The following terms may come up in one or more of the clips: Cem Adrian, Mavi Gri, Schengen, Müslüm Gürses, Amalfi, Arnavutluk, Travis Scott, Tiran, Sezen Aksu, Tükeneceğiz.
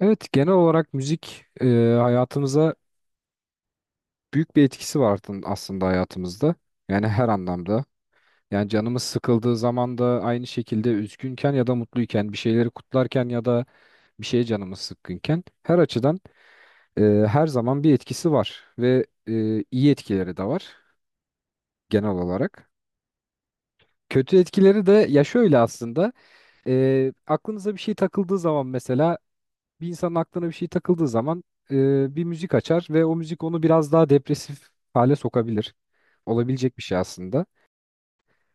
Evet, genel olarak müzik hayatımıza büyük bir etkisi var aslında hayatımızda. Yani her anlamda. Yani canımız sıkıldığı zaman da aynı şekilde üzgünken ya da mutluyken, bir şeyleri kutlarken ya da bir şeye canımız sıkkınken her açıdan e, her zaman bir etkisi var ve iyi etkileri de var genel olarak. Kötü etkileri de ya şöyle aslında, aklınıza bir şey takıldığı zaman mesela bir insanın aklına bir şey takıldığı zaman bir müzik açar ve o müzik onu biraz daha depresif hale sokabilir. Olabilecek bir şey aslında.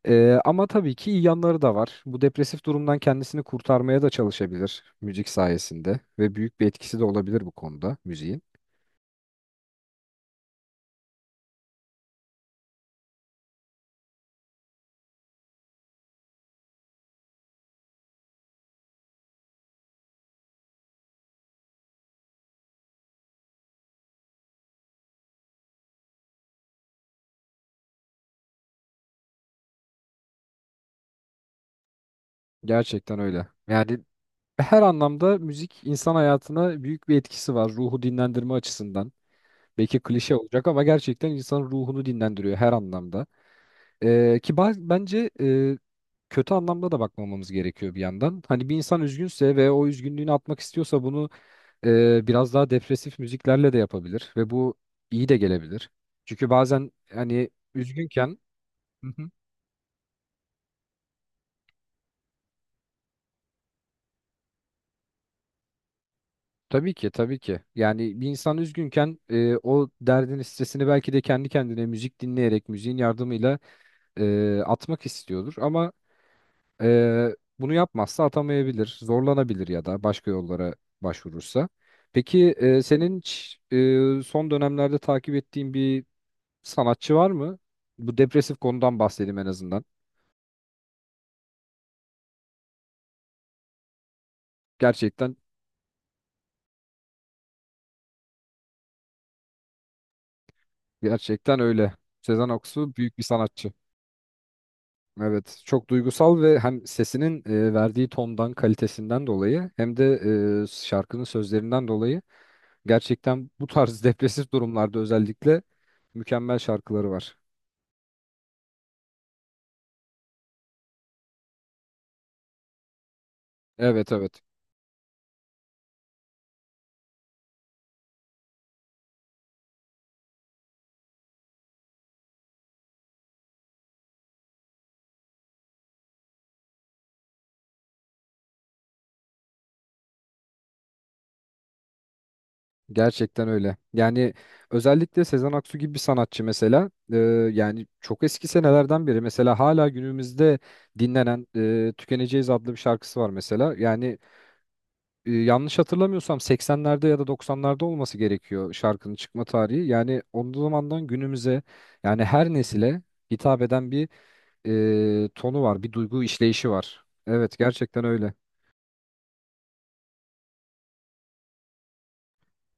Ama tabii ki iyi yanları da var. Bu depresif durumdan kendisini kurtarmaya da çalışabilir müzik sayesinde ve büyük bir etkisi de olabilir bu konuda müziğin. Gerçekten öyle. Yani her anlamda müzik insan hayatına büyük bir etkisi var ruhu dinlendirme açısından. Belki klişe olacak ama gerçekten insanın ruhunu dinlendiriyor her anlamda. Bence kötü anlamda da bakmamamız gerekiyor bir yandan. Hani bir insan üzgünse ve o üzgünlüğünü atmak istiyorsa bunu biraz daha depresif müziklerle de yapabilir ve bu iyi de gelebilir. Çünkü bazen hani üzgünken. Hı hı. Tabii ki, tabii ki, yani bir insan üzgünken o derdini stresini belki de kendi kendine müzik dinleyerek müziğin yardımıyla atmak istiyordur ama. Bunu yapmazsa atamayabilir, zorlanabilir ya da başka yollara başvurursa. Peki senin hiç, son dönemlerde takip ettiğin bir sanatçı var mı? Bu depresif konudan bahsedeyim en azından. Gerçekten gerçekten, öyle. Sezen Aksu büyük bir sanatçı. Evet, çok duygusal ve hem sesinin verdiği tondan, kalitesinden dolayı hem de şarkının sözlerinden dolayı gerçekten bu tarz depresif durumlarda özellikle mükemmel şarkıları var. Evet, evet. Gerçekten öyle. Yani özellikle Sezen Aksu gibi bir sanatçı mesela, yani çok eski senelerden beri mesela hala günümüzde dinlenen Tükeneceğiz adlı bir şarkısı var mesela. Yani yanlış hatırlamıyorsam 80'lerde ya da 90'larda olması gerekiyor şarkının çıkma tarihi. Yani o zamandan günümüze yani her nesile hitap eden bir tonu var, bir duygu işleyişi var. Evet, gerçekten öyle.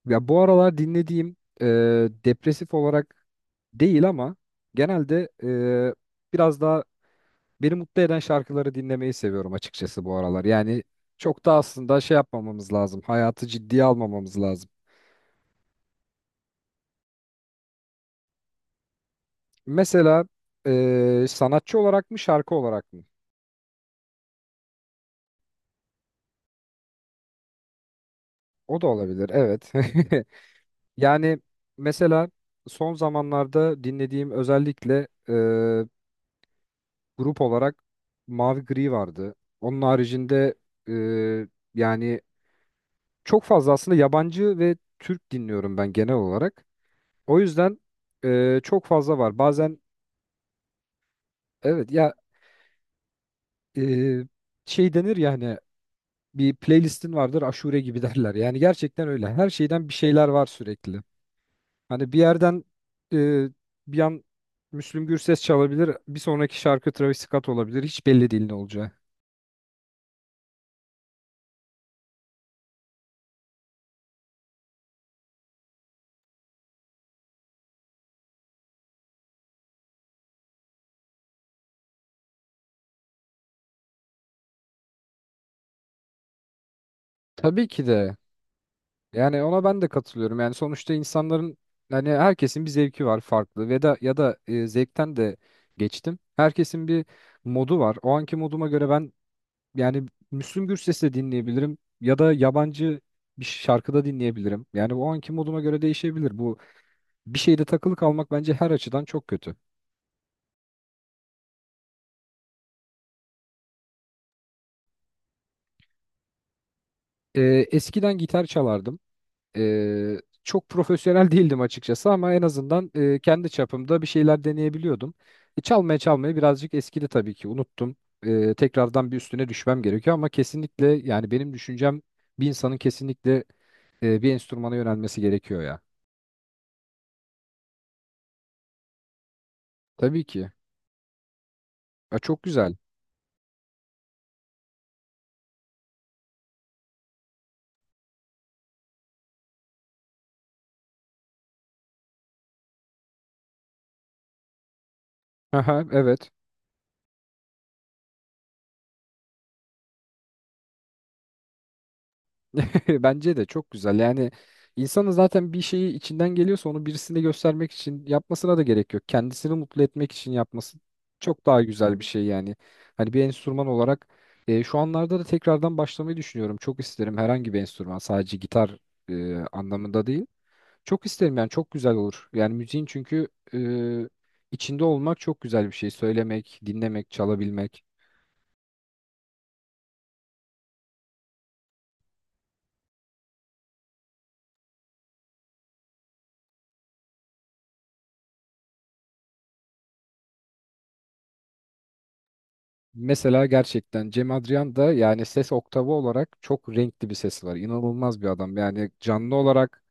Ya bu aralar dinlediğim, depresif olarak değil ama genelde e, biraz daha beni mutlu eden şarkıları dinlemeyi seviyorum açıkçası bu aralar. Yani çok da aslında şey yapmamamız lazım. Hayatı ciddiye almamamız lazım. Mesela sanatçı olarak mı şarkı olarak mı? O da olabilir. Evet. Yani mesela son zamanlarda dinlediğim özellikle grup olarak mavi gri vardı. Onun haricinde e, yani çok fazla aslında yabancı ve Türk dinliyorum ben genel olarak. O yüzden çok fazla var. Bazen evet ya, e, şey denir ya hani bir playlistin vardır aşure gibi derler. Yani gerçekten öyle. Her şeyden bir şeyler var sürekli. Hani bir yerden, e, bir an Müslüm Gürses çalabilir. Bir sonraki şarkı Travis Scott olabilir. Hiç belli değil ne olacağı. Tabii ki de. Yani ona ben de katılıyorum. Yani sonuçta insanların hani herkesin bir zevki var farklı ve da ya da zevkten de geçtim. Herkesin bir modu var. O anki moduma göre ben yani Müslüm Gürses de dinleyebilirim ya da yabancı bir şarkıda dinleyebilirim. Yani o anki moduma göre değişebilir. Bu bir şeyde takılı kalmak bence her açıdan çok kötü. Ee, Eskiden gitar çalardım. Ee, Çok profesyonel değildim açıkçası ama en azından kendi çapımda bir şeyler deneyebiliyordum. Çalmaya çalmaya birazcık eskidi tabii ki unuttum. Tekrardan bir üstüne düşmem gerekiyor ama kesinlikle yani benim düşüncem bir insanın kesinlikle bir enstrümana yönelmesi gerekiyor ya. Tabii ki. Ya çok güzel. Aha, evet. Bence de çok güzel. Yani insanın zaten bir şeyi içinden geliyorsa onu birisine göstermek için yapmasına da gerek yok. Kendisini mutlu etmek için yapması çok daha güzel bir şey yani. Hani bir enstrüman olarak şu anlarda da tekrardan başlamayı düşünüyorum. Çok isterim herhangi bir enstrüman, sadece gitar anlamında değil. Çok isterim yani çok güzel olur. Yani müziğin çünkü e, içinde olmak çok güzel bir şey. Söylemek, dinlemek, çalabilmek. Mesela gerçekten Cem Adrian da yani ses oktavı olarak çok renkli bir sesi var. İnanılmaz bir adam. Yani canlı olarak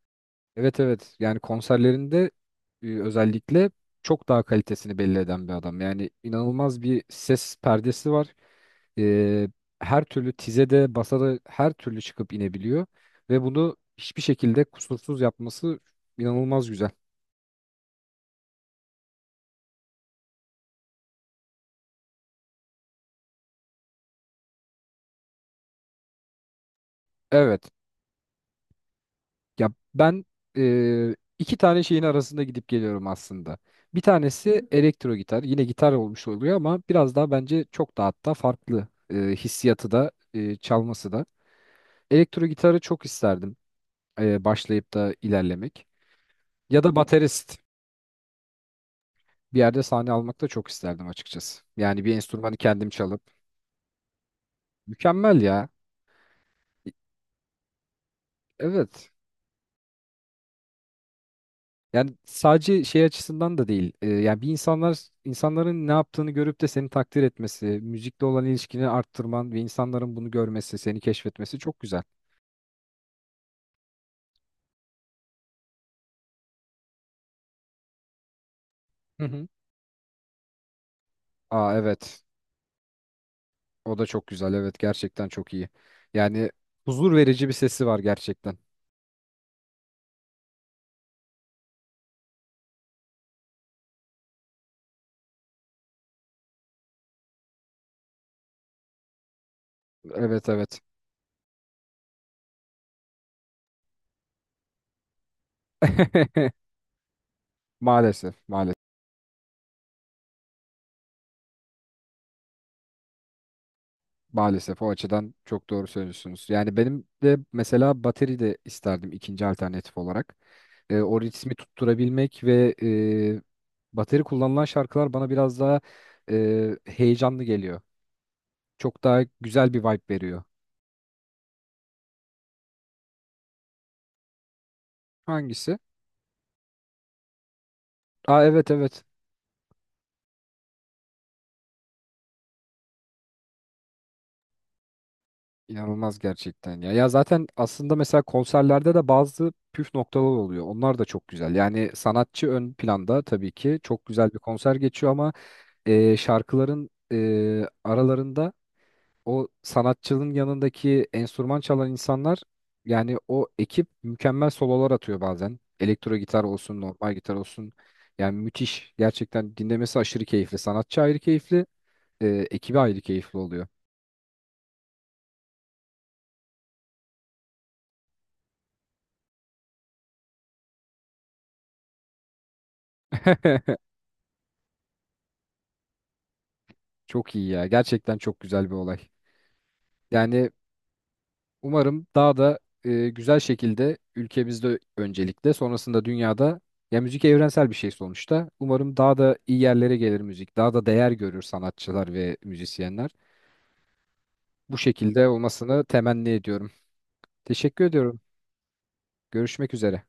evet, evet, yani konserlerinde özellikle çok daha kalitesini belli eden bir adam. Yani inanılmaz bir ses perdesi var. E, Her türlü tizede, basada her türlü çıkıp inebiliyor ve bunu hiçbir şekilde kusursuz yapması inanılmaz güzel. Evet. Ya ben iki tane şeyin arasında gidip geliyorum aslında. Bir tanesi elektro gitar. Yine gitar olmuş oluyor ama biraz daha bence çok daha hatta farklı, hissiyatı da, çalması da. Elektro gitarı çok isterdim başlayıp da ilerlemek. Ya da baterist bir yerde sahne almak da çok isterdim açıkçası. Yani bir enstrümanı kendim çalıp. Mükemmel ya. Evet. Yani sadece şey açısından da değil. Yani bir insanlar insanların ne yaptığını görüp de seni takdir etmesi, müzikle olan ilişkini arttırman ve insanların bunu görmesi, seni keşfetmesi çok güzel. Hı hı. Aa, evet. O da çok güzel. Evet, gerçekten çok iyi. Yani huzur verici bir sesi var gerçekten. Evet, evet. Maalesef, maalesef. Maalesef o açıdan çok doğru söylüyorsunuz. Yani benim de mesela bateri de isterdim ikinci alternatif olarak. O ritmi tutturabilmek ve bateri kullanılan şarkılar bana biraz daha heyecanlı geliyor. Çok daha güzel bir vibe veriyor. Hangisi? Aa, evet, evet. İnanılmaz gerçekten ya. Ya zaten aslında mesela konserlerde de bazı püf noktalar oluyor. Onlar da çok güzel. Yani sanatçı ön planda tabii ki çok güzel bir konser geçiyor ama şarkıların aralarında o sanatçının yanındaki enstrüman çalan insanlar yani o ekip mükemmel sololar atıyor bazen. Elektro gitar olsun, normal gitar olsun. Yani müthiş. Gerçekten dinlemesi aşırı keyifli. Sanatçı ayrı keyifli, ekibi ayrı keyifli oluyor. Çok iyi ya. Gerçekten çok güzel bir olay. Yani umarım daha da güzel şekilde ülkemizde öncelikle sonrasında dünyada, ya müzik evrensel bir şey sonuçta. Umarım daha da iyi yerlere gelir müzik. Daha da değer görür sanatçılar ve müzisyenler. Bu şekilde olmasını temenni ediyorum. Teşekkür ediyorum. Görüşmek üzere.